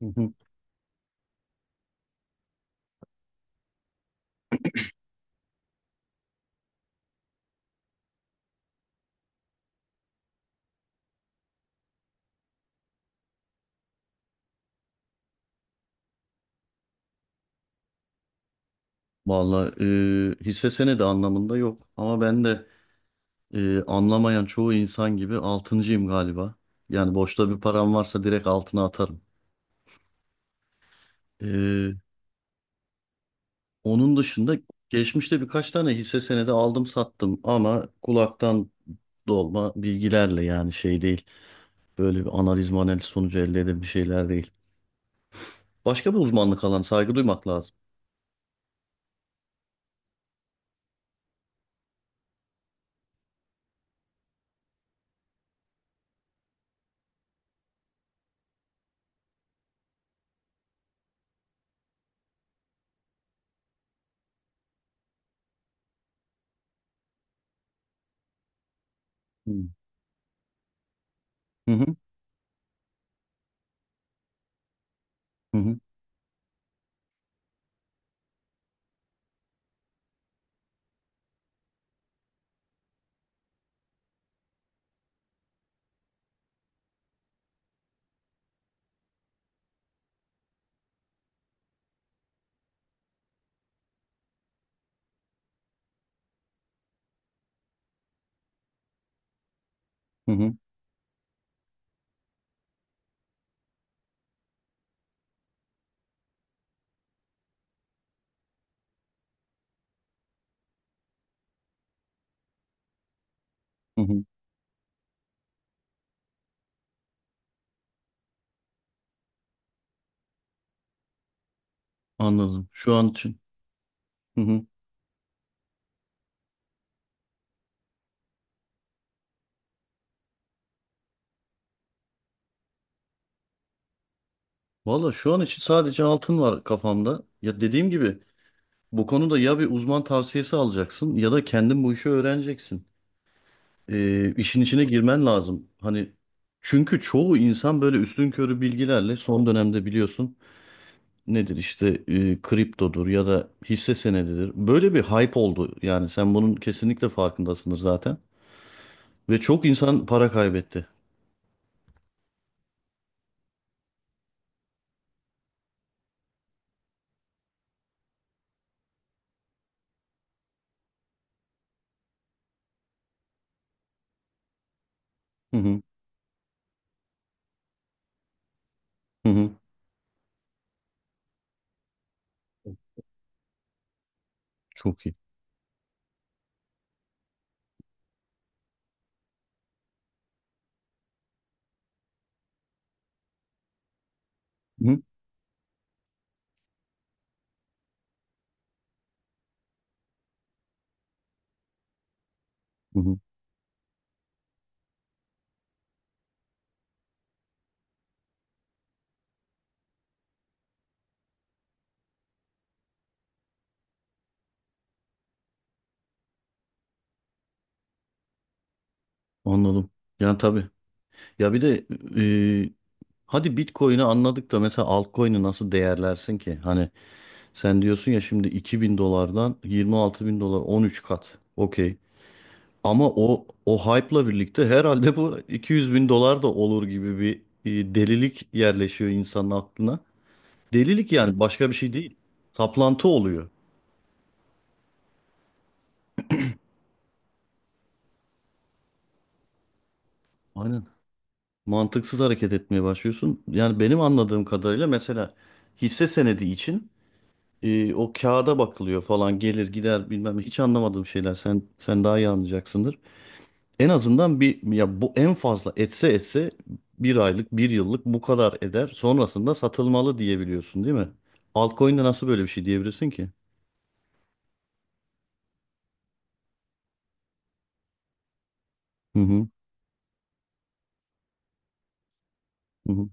Hı hı. Vallahi hisse senedi anlamında yok ama ben de anlamayan çoğu insan gibi altıncıyım galiba. Yani boşta bir param varsa direkt altına atarım. E, Onun dışında geçmişte birkaç tane hisse senedi aldım sattım ama kulaktan dolma bilgilerle yani şey değil. Böyle bir analiz sonucu elde edilen bir şeyler değil. Başka bir uzmanlık alanı saygı duymak lazım. Hı hı, hı hı, hı hı, hı hı. Anladım. Şu an için. Hı hı. Valla şu an için sadece altın var kafamda. Ya dediğim gibi bu konuda ya bir uzman tavsiyesi alacaksın ya da kendin bu işi öğreneceksin. İşin içine girmen lazım. Hani çünkü çoğu insan böyle üstünkörü bilgilerle son dönemde biliyorsun nedir işte kriptodur ya da hisse senedidir. Böyle bir hype oldu yani sen bunun kesinlikle farkındasındır zaten. Ve çok insan para kaybetti. Hı hı, hı hı. Çok iyi. Hı hı, hı hı. Anladım. Yani tabii. Ya bir de e, hadi Bitcoin'i anladık da mesela altcoin'i nasıl değerlersin ki? Hani sen diyorsun ya şimdi 2 bin dolardan 26 bin dolar 13 kat. Okey. Ama o hype'la birlikte herhalde bu 200 bin dolar da olur gibi bir delilik yerleşiyor insanın aklına. Delilik yani başka bir şey değil. Saplantı oluyor. Aynen. Mantıksız hareket etmeye başlıyorsun. Yani benim anladığım kadarıyla mesela hisse senedi için o kağıda bakılıyor falan gelir gider bilmem ne. Hiç anlamadığım şeyler, sen daha iyi anlayacaksındır. En azından bir ya bu en fazla etse bir aylık bir yıllık bu kadar eder sonrasında satılmalı diyebiliyorsun değil mi? Altcoin'de nasıl böyle bir şey diyebilirsin ki? Hı hı, hı hı,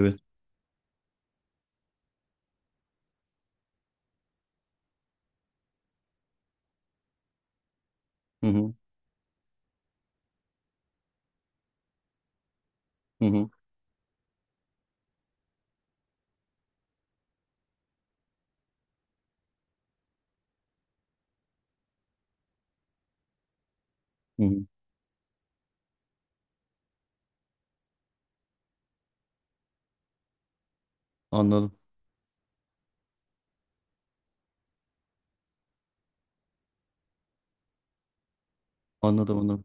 evet, hı hı, hı hı, hı, hı. Anladım, anladım.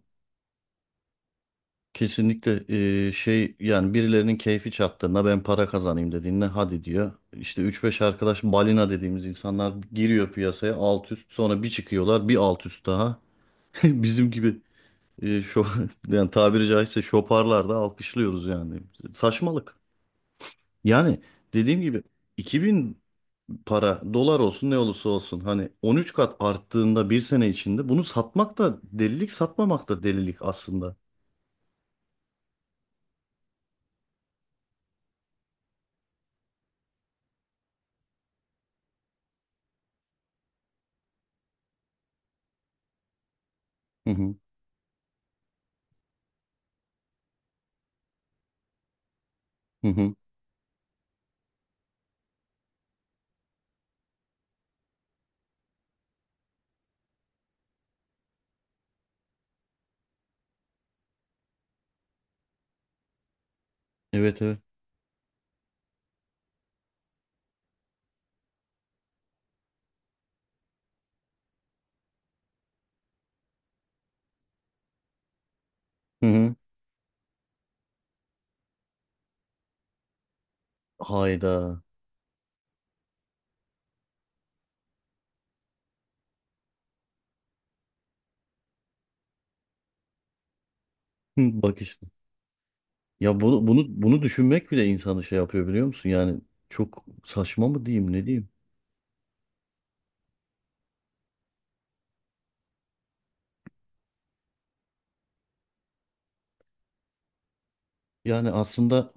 Kesinlikle şey yani birilerinin keyfi çattığında ben para kazanayım dediğinde hadi diyor. İşte üç beş arkadaş balina dediğimiz insanlar giriyor piyasaya alt üst sonra bir çıkıyorlar bir alt üst daha. Bizim gibi şu yani tabiri caizse şoparlar da alkışlıyoruz yani. Saçmalık. Yani dediğim gibi 2000 para dolar olsun ne olursa olsun hani 13 kat arttığında bir sene içinde bunu satmak da delilik satmamak da delilik aslında. Hı hı. Hı hı. Evet, evet. Hı hı. Hayda. Bak işte. Ya bunu düşünmek bile insanı şey yapıyor biliyor musun? Yani çok saçma mı diyeyim ne diyeyim? Yani aslında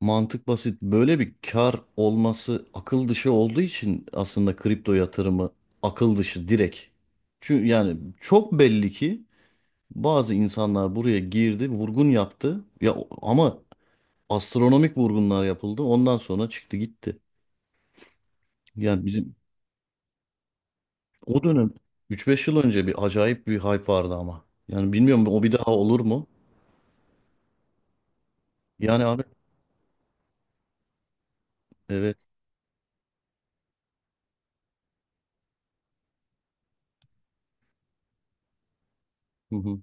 mantık basit. Böyle bir kar olması akıl dışı olduğu için aslında kripto yatırımı akıl dışı direkt. Çünkü yani çok belli ki bazı insanlar buraya girdi, vurgun yaptı. Ya ama astronomik vurgunlar yapıldı. Ondan sonra çıktı gitti. Yani bizim o dönem üç beş yıl önce bir acayip bir hype vardı ama. Yani bilmiyorum o bir daha olur mu? Yani abi evet. Hı hı.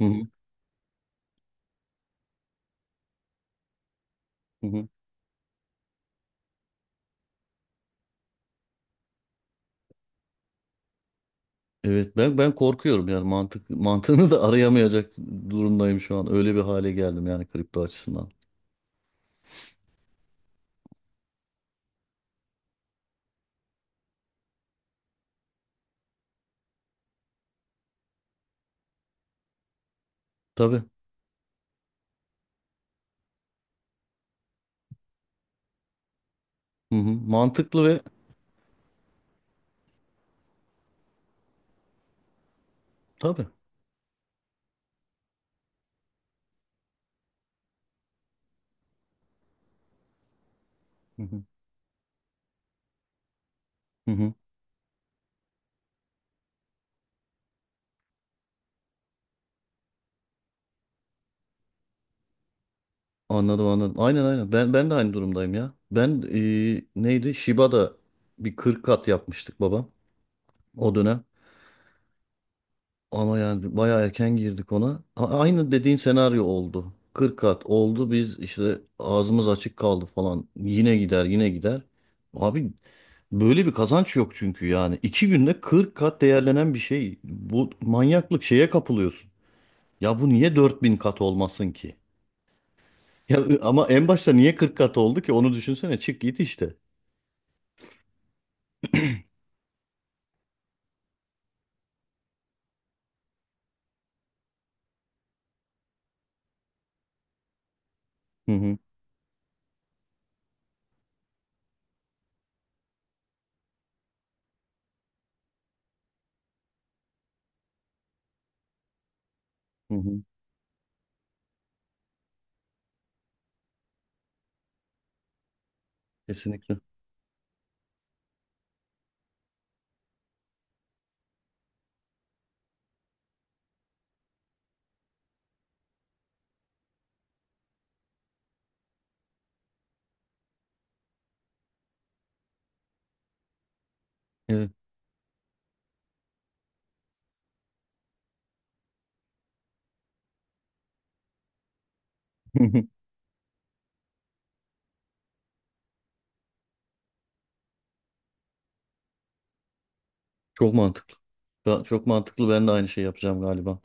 Hı hı. Hı hı. Evet ben korkuyorum yani mantık mantığını da arayamayacak durumdayım şu an. Öyle bir hale geldim yani kripto açısından. Tabii. Hı hı. Mantıklı ve tabii. Hı hı. Hı hı. Anladım. Aynen. Ben de aynı durumdayım ya. Ben neydi? Shiba'da bir 40 kat yapmıştık babam o dönem. Ama yani bayağı erken girdik ona. Aynı dediğin senaryo oldu. 40 kat oldu. Biz işte ağzımız açık kaldı falan. Yine gider, yine gider. Abi böyle bir kazanç yok çünkü yani. İki günde 40 kat değerlenen bir şey. Bu manyaklık şeye kapılıyorsun. Ya bu niye 4 bin kat olmasın ki? Ya ama en başta niye 40 kat oldu ki? Onu düşünsene. Çık git işte. Hı hı. Hı hı. Kesinlikle. Evet. Çok mantıklı. Ya çok mantıklı. Ben de aynı şey yapacağım galiba.